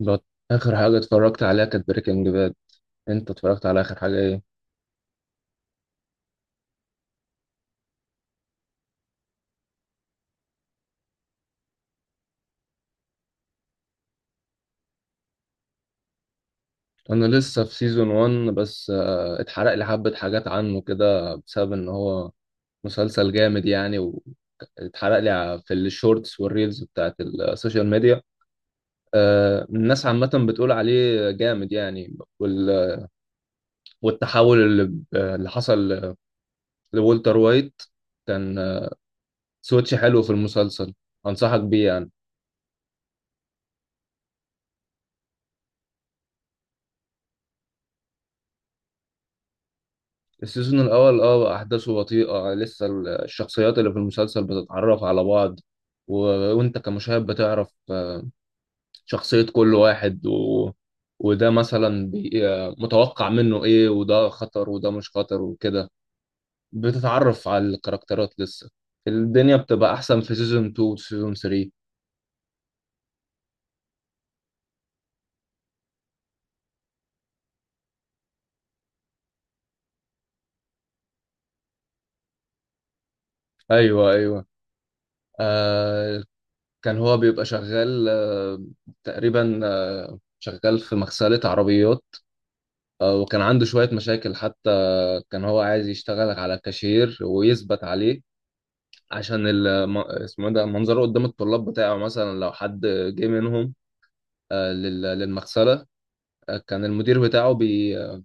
بط- آخر حاجة اتفرجت عليها كانت بريكنج باد. أنت اتفرجت على آخر حاجة إيه؟ أنا لسه في سيزون 1 بس اتحرق لي حبة حاجات عنه كده بسبب إن هو مسلسل جامد يعني. واتحرق لي في الشورتس والريلز بتاعت السوشيال ميديا. الناس عامة بتقول عليه جامد يعني والتحول اللي حصل لولتر وايت كان سويتش حلو في المسلسل، أنصحك بيه يعني. السيزون الأول اه أحداثه بطيئة لسه الشخصيات اللي في المسلسل بتتعرف على بعض و... وأنت كمشاهد بتعرف شخصية كل واحد وده مثلا متوقع منه إيه، وده خطر وده مش خطر وكده، بتتعرف على الكاركترات لسه. الدنيا بتبقى أحسن في سيزون 2 وسيزون 3. أيوه أيوه آه، كان هو بيبقى شغال آه، تقريبا آه شغال في مغسلة عربيات. آه، وكان عنده شوية مشاكل حتى. كان هو عايز يشتغل على كاشير ويثبت عليه عشان اسمه إيه ده منظره قدام الطلاب بتاعه، مثلا لو حد جه منهم آه، للمغسلة. آه، كان المدير بتاعه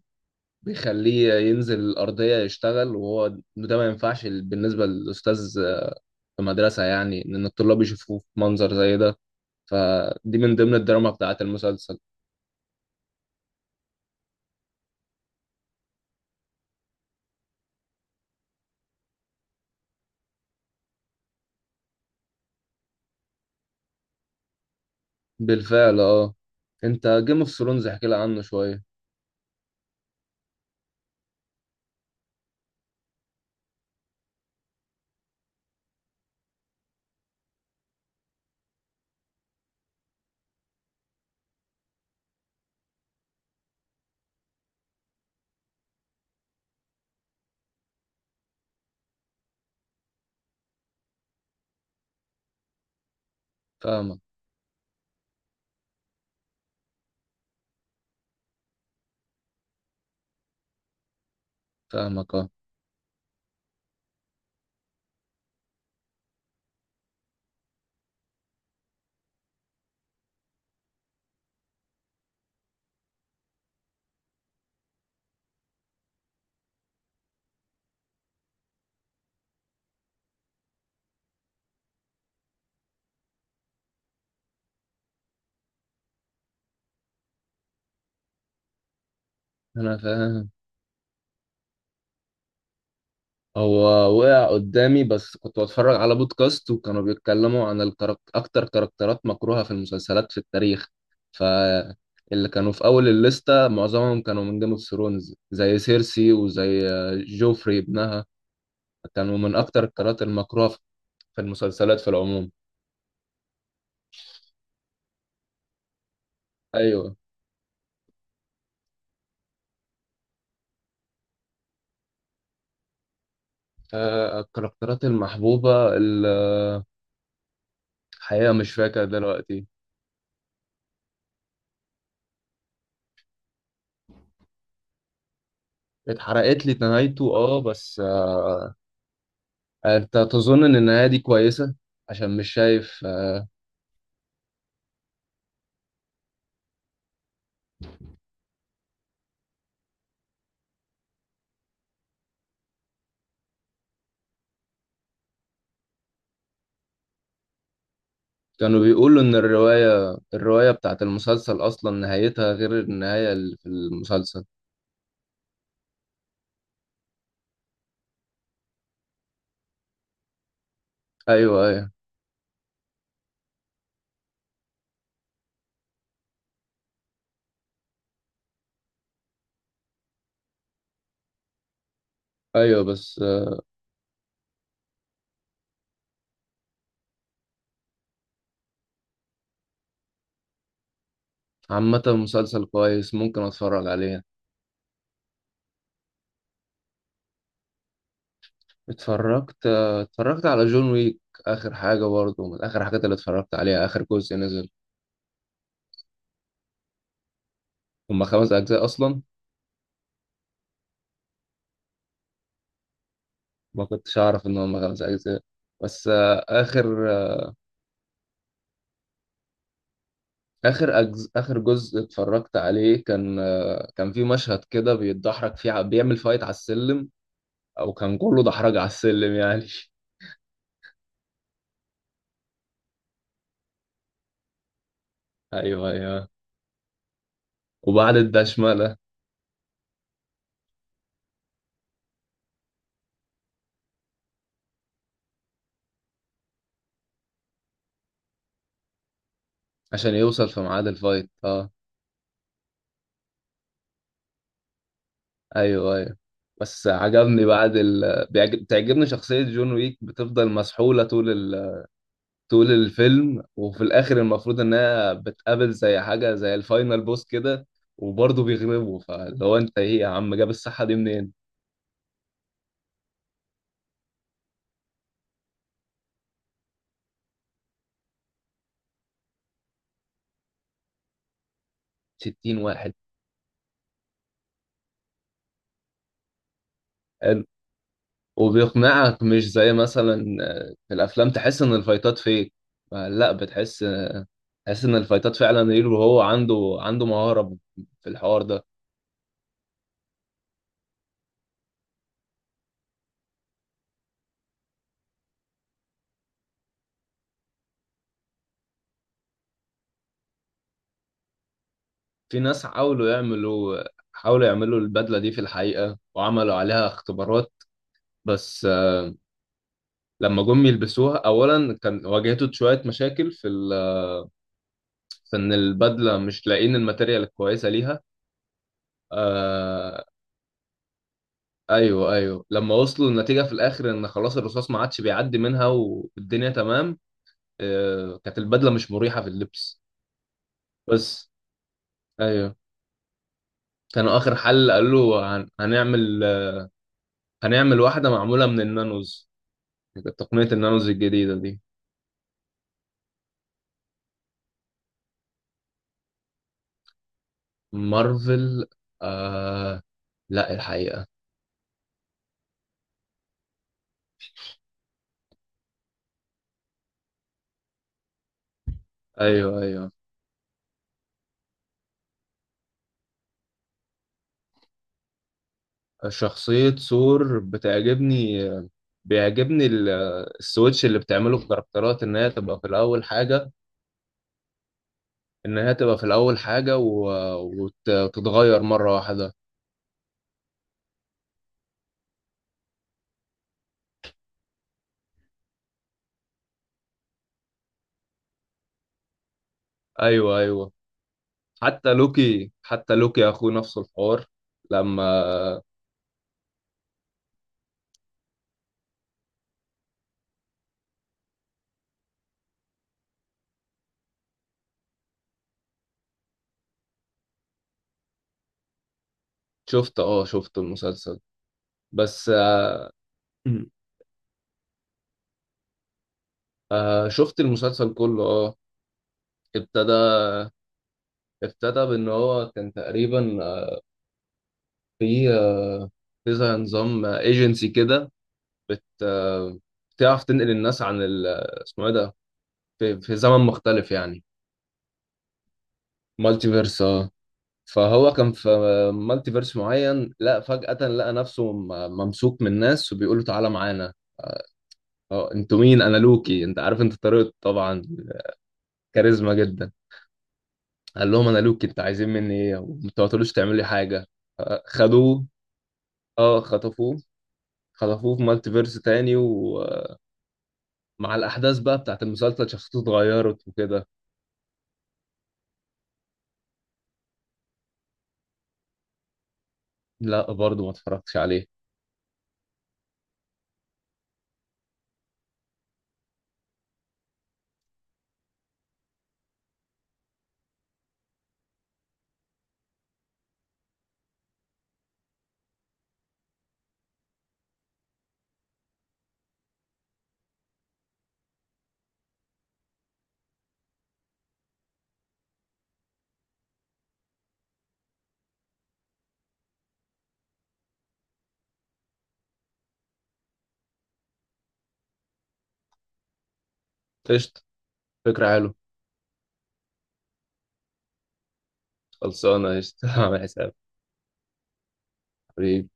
بيخليه ينزل الأرضية يشتغل، وهو ده ما ينفعش بالنسبة للأستاذ في مدرسة يعني إن الطلاب يشوفوه في منظر زي ده. فدي من ضمن الدراما بتاعت المسلسل. بالفعل اه. انت جيم اوف ثرونز احكي لي عنه شوية. فاهمك، فاهمك اه. انا فاهم. هو وقع قدامي بس كنت بتفرج على بودكاست وكانوا بيتكلموا عن اكتر كاركترات مكروهة في المسلسلات في التاريخ. فاللي كانوا في اول الليستة معظمهم كانوا من جيم اوف ثرونز زي سيرسي وزي جوفري ابنها، كانوا من اكتر الكاركترات المكروهة في في المسلسلات في العموم. ايوه. آه، الكاركترات المحبوبة الحقيقة مش فاكر دلوقتي. اتحرقت لي نهايته اه، بس آه، انت تظن ان النهايه دي كويسه؟ عشان مش شايف آه، كانوا بيقولوا ان الروايه بتاعت المسلسل اصلا نهايتها غير النهايه اللي في المسلسل. ايوه ايوه. ايوه بس آه، عامه مسلسل كويس ممكن اتفرج عليه. اتفرجت آه، اتفرجت على جون ويك، اخر حاجه برضه من اخر حاجات اللي اتفرجت عليها، اخر جزء نزل. هما خمس اجزاء اصلا؟ ما كنتش اعرف ان هما خمس اجزاء. بس آه، اخر اخر جزء اتفرجت عليه كان آه، كان في مشهد كده بيتدحرج فيه بيعمل فايت على السلم، او كان كله دحرج على السلم يعني ايوه ايوه. وبعد الدشمله عشان يوصل في ميعاد الفايت اه. ايوه ايوه. بس عجبني بتعجبني شخصيه جون ويك، بتفضل مسحوله طول طول الفيلم، وفي الاخر المفروض انها بتقابل زي حاجه زي الفاينل بوس كده، وبرضه بيغلبه، فاللي هو انت ايه يا عم جاب الصحه دي منين؟ 60 واحد. وبيقنعك مش زي مثلا آه، في الافلام تحس ان الفايتات فيك آه، لا بتحس آه، تحس ان الفايتات فعلا ريل، وهو عنده مهارة في الحوار ده. في ناس حاولوا يعملوا، حاولوا يعملوا البدلة دي في الحقيقة وعملوا عليها اختبارات، بس آه، لما جم يلبسوها اولا كان واجهته شوية مشاكل في في ان البدلة مش لاقيين الماتيريال الكويسة ليها. آه... ايوه ايوه، لما وصلوا النتيجة في الاخر ان خلاص الرصاص ما عادش بيعدي منها والدنيا تمام. آه، كانت البدله مش مريحه في اللبس بس. ايوه. كانوا اخر حل قالوا له هنعمل واحده معموله من النانوز، تقنيه النانوز الجديده دي. مارفل آه، لا الحقيقه. ايوه ايوه. شخصيه ثور بتعجبني، بيعجبني السويتش اللي بتعمله الكاركترات، ان هي تبقى في الاول حاجه، ان هي تبقى في الاول حاجه و- وت- وتتغير مره واحده. ايوه ايوه. حتى لوكي، حتى لوكي يا اخوه نفس الحوار لما شفت اه، شفت المسلسل. بس آه، مم. آه، شفت المسلسل كله اه. ابتدى، ابتدى بان هو كان تقريبا آه، في آه، في زي نظام ايجنسي كده، بت آه، بتعرف تنقل الناس عن آه، اسمه ايه ده، في, في زمن مختلف يعني. مالتي فيرس اه. فهو كان في مالتي فيرس معين، لا فجأة لقى نفسه ممسوك من ناس وبيقولوا تعالى معانا. اه انتوا مين، انا لوكي. انت عارف انت طريقته طبعا، كاريزما جدا. قال لهم انا لوكي، انت عايزين مني ايه، وما تقعدولوش تعمل لي حاجه. آه، خدوه. اه خطفوه، خطفوه في مالتي فيرس تاني، ومع الاحداث بقى بتاعت المسلسل شخصيته اتغيرت وكده. لا برضه ما اتفرجتش عليه. قشطه، فكره حلوه. خلصانه قشطه عامل حساب حبيبي.